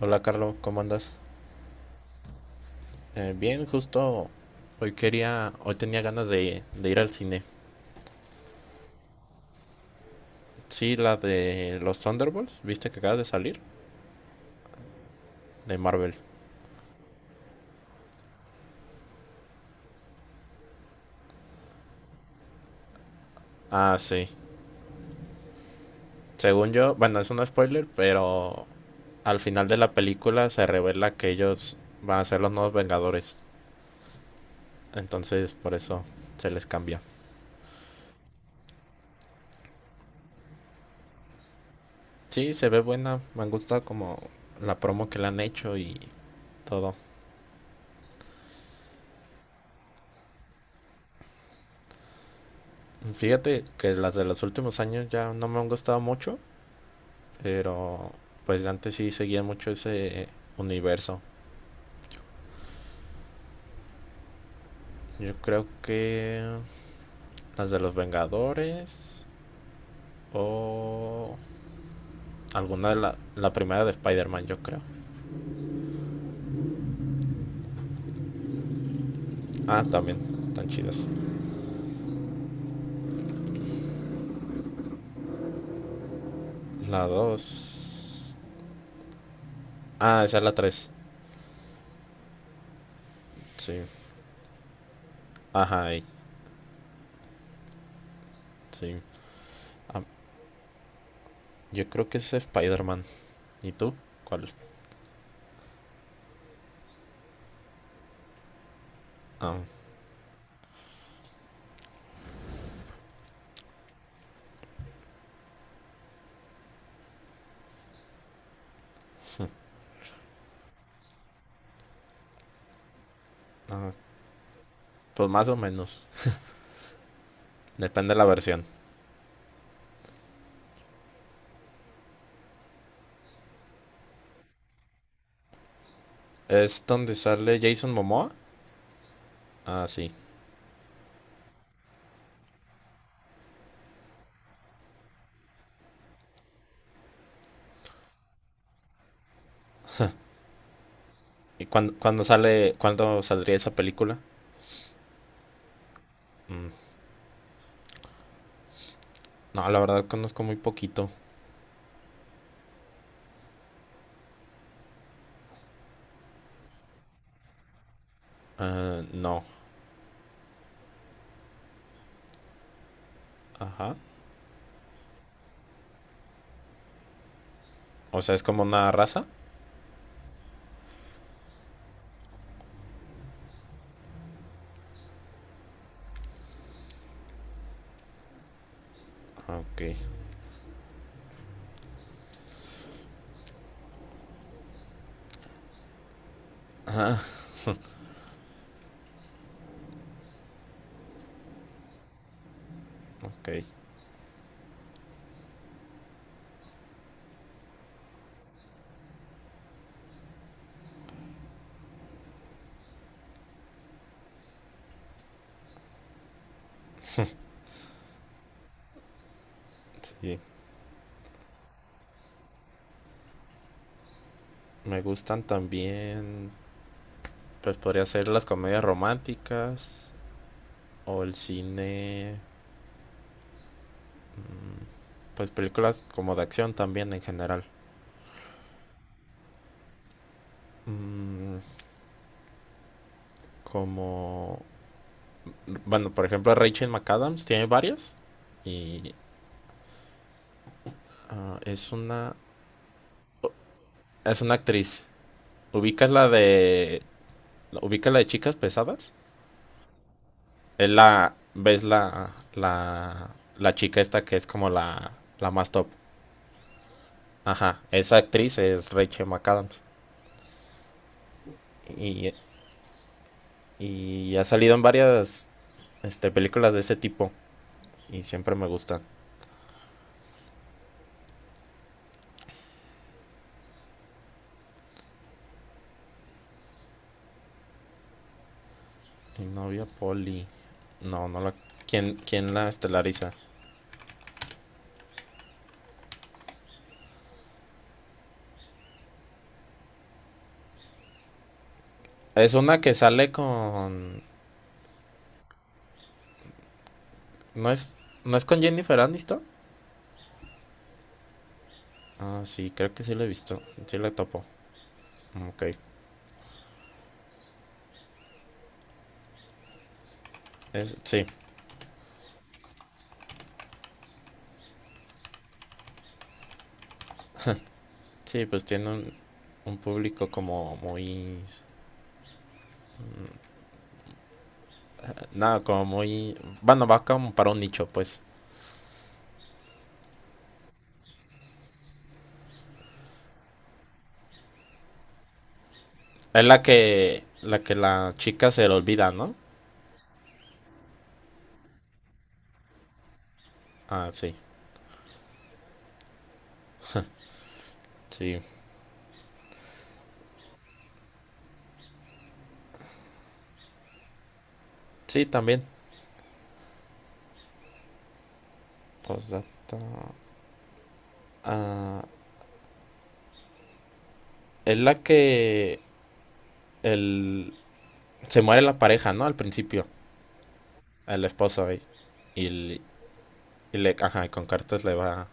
Hola Carlos, ¿cómo andas? Bien, justo hoy quería, hoy tenía ganas de ir al cine. Sí, la de los Thunderbolts, ¿viste que acaba de salir? De Marvel. Ah, sí. Según yo, bueno, es un spoiler, pero al final de la película se revela que ellos van a ser los nuevos Vengadores. Entonces, por eso se les cambia. Sí, se ve buena, me han gustado como la promo que le han hecho y todo. Fíjate que las de los últimos años ya no me han gustado mucho. Pero pues antes sí seguía mucho ese universo. Yo creo que las de los Vengadores o alguna de la primera de Spider-Man, yo creo. Ah, también, tan chidas. La dos. Ah, esa es la tres. Sí. Ajá, sí. Ah, yo creo que es Spider-Man. ¿Y tú? ¿Cuál? Ah, ah, pues más o menos. Depende de la versión. ¿Es donde sale Jason Momoa? Ah, sí. ¿Y cuándo sale, cuándo saldría esa película? Mm, No, la verdad conozco muy poquito. Ah, no. Ajá. O sea, es como una raza. Ah, ok, ok. Sí. Me gustan también, pues podría ser las comedias románticas o el cine, pues películas como de acción también en general. Mm, Como, bueno, por ejemplo, Rachel McAdams tiene varias y ah, es una, es una actriz. ¿Ubicas la de Ubica la de chicas pesadas. Es la, ves la, la, la chica esta que es como la más top. Ajá, esa actriz es Rachel McAdams. Y, y ha salido en varias este, películas de ese tipo. Y siempre me gustan. Mi novia Polly. No, no la. ¿Quién la estelariza? Es una que sale con. ¿No es, ¿No es con Jennifer Aniston? Ah, sí, creo que sí la he visto. Sí la topo. Mm, ok. Es, sí. Sí, pues tiene un público como muy... Nada, como muy... Bueno, va como para un nicho, pues. Es la que la, que la chica se le olvida, ¿no? Ah, sí, sí. Sí, también. Posdata. Ah, es la que el, se muere la pareja, ¿no? Al principio, el esposo ahí. Y, y le, ajá, y con cartas le va.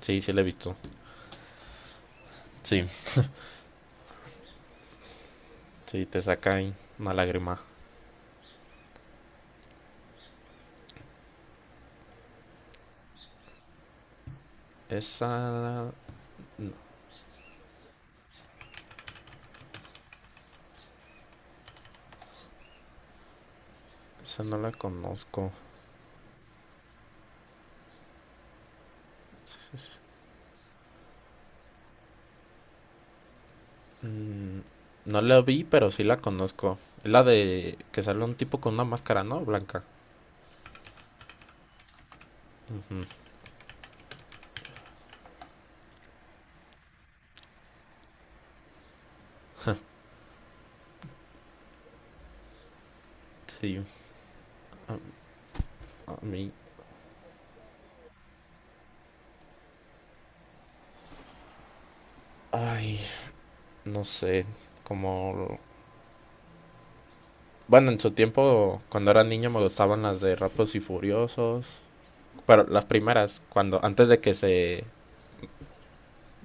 Sí, sí, le he visto. Sí, sí, te saca ahí una lágrima. Esa, esa no la conozco. Mm, no la vi, pero sí la conozco. Es la de que sale un tipo con una máscara, ¿no? Blanca. Sí. A, a mí. Ay, no sé. Como. Bueno, en su tiempo, cuando era niño, me gustaban las de Rápidos y Furiosos. Pero las primeras, cuando antes de que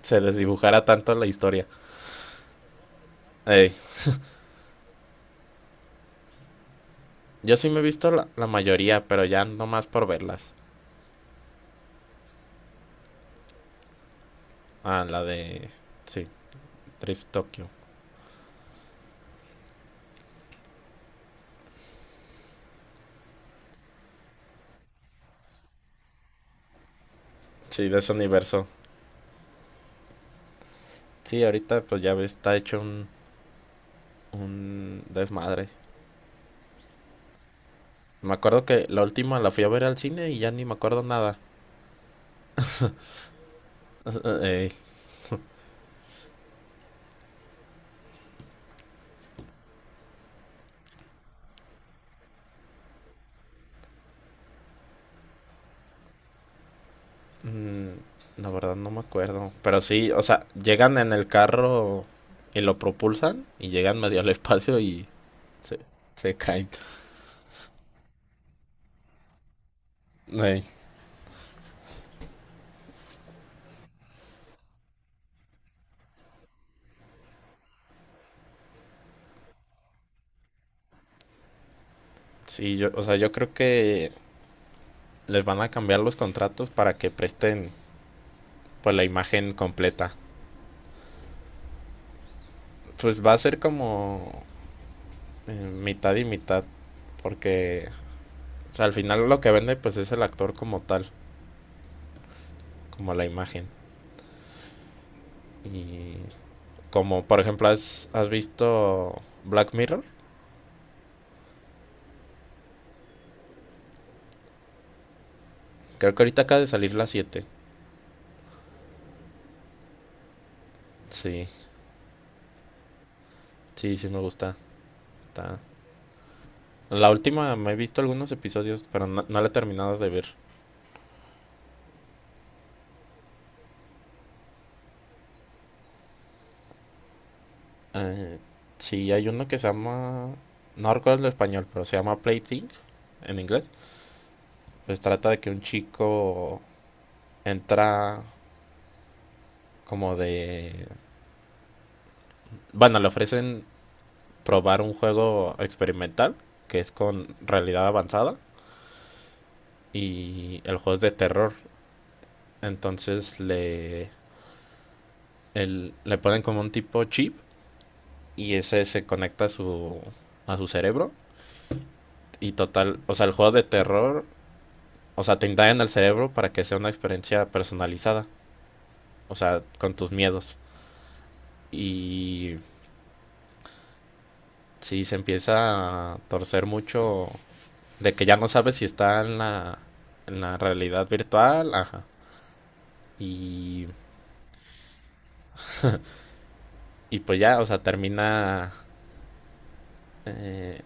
se desdibujara tanto la historia. Ey, yo sí me he visto la mayoría, pero ya no más por verlas. Ah, la de. Sí, Drift Tokyo. Sí, de ese universo. Sí, ahorita pues ya ves, está hecho un desmadre. Me acuerdo que la última la fui a ver al cine y ya ni me acuerdo nada. Eh, mm, la verdad no me acuerdo. Pero sí, o sea, llegan en el carro y lo propulsan y llegan medio al espacio y se, se caen. Eh, sí, yo, o sea, yo creo que les van a cambiar los contratos para que presten pues la imagen completa. Pues va a ser como mitad y mitad. Porque, o sea, al final lo que vende pues es el actor como tal, como la imagen. Y como por ejemplo, ¿has visto Black Mirror? Creo que ahorita acaba de salir la siete. Sí, sí, sí me gusta. Está... La última me he visto algunos episodios, pero no, no la he terminado de ver. Eh, sí, hay uno que se llama... No recuerdo el español, pero se llama Plaything en inglés. Pues trata de que un chico entra como de... Bueno, le ofrecen probar un juego experimental que es con realidad avanzada y el juego es de terror. Entonces le ponen como un tipo chip y ese se conecta a a su cerebro. Y total, o sea, el juego de terror, o sea, te indagan el cerebro para que sea una experiencia personalizada, o sea, con tus miedos. Y si se empieza a torcer mucho de que ya no sabes si está en en la realidad virtual, ajá. Y y pues ya, o sea, termina. eh,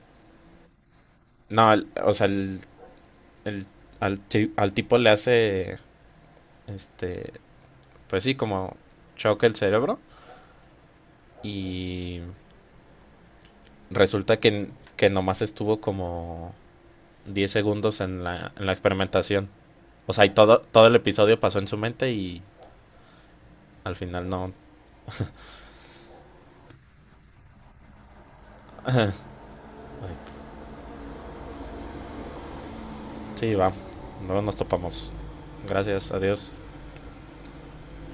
no, el- O sea, el- al, al tipo le hace. Este. Pues sí, como choque el cerebro. Y resulta que nomás estuvo como 10 segundos en en la experimentación. O sea, y todo, todo el episodio pasó en su mente y al final no. Ay, sí, va. Luego nos topamos. Gracias, adiós.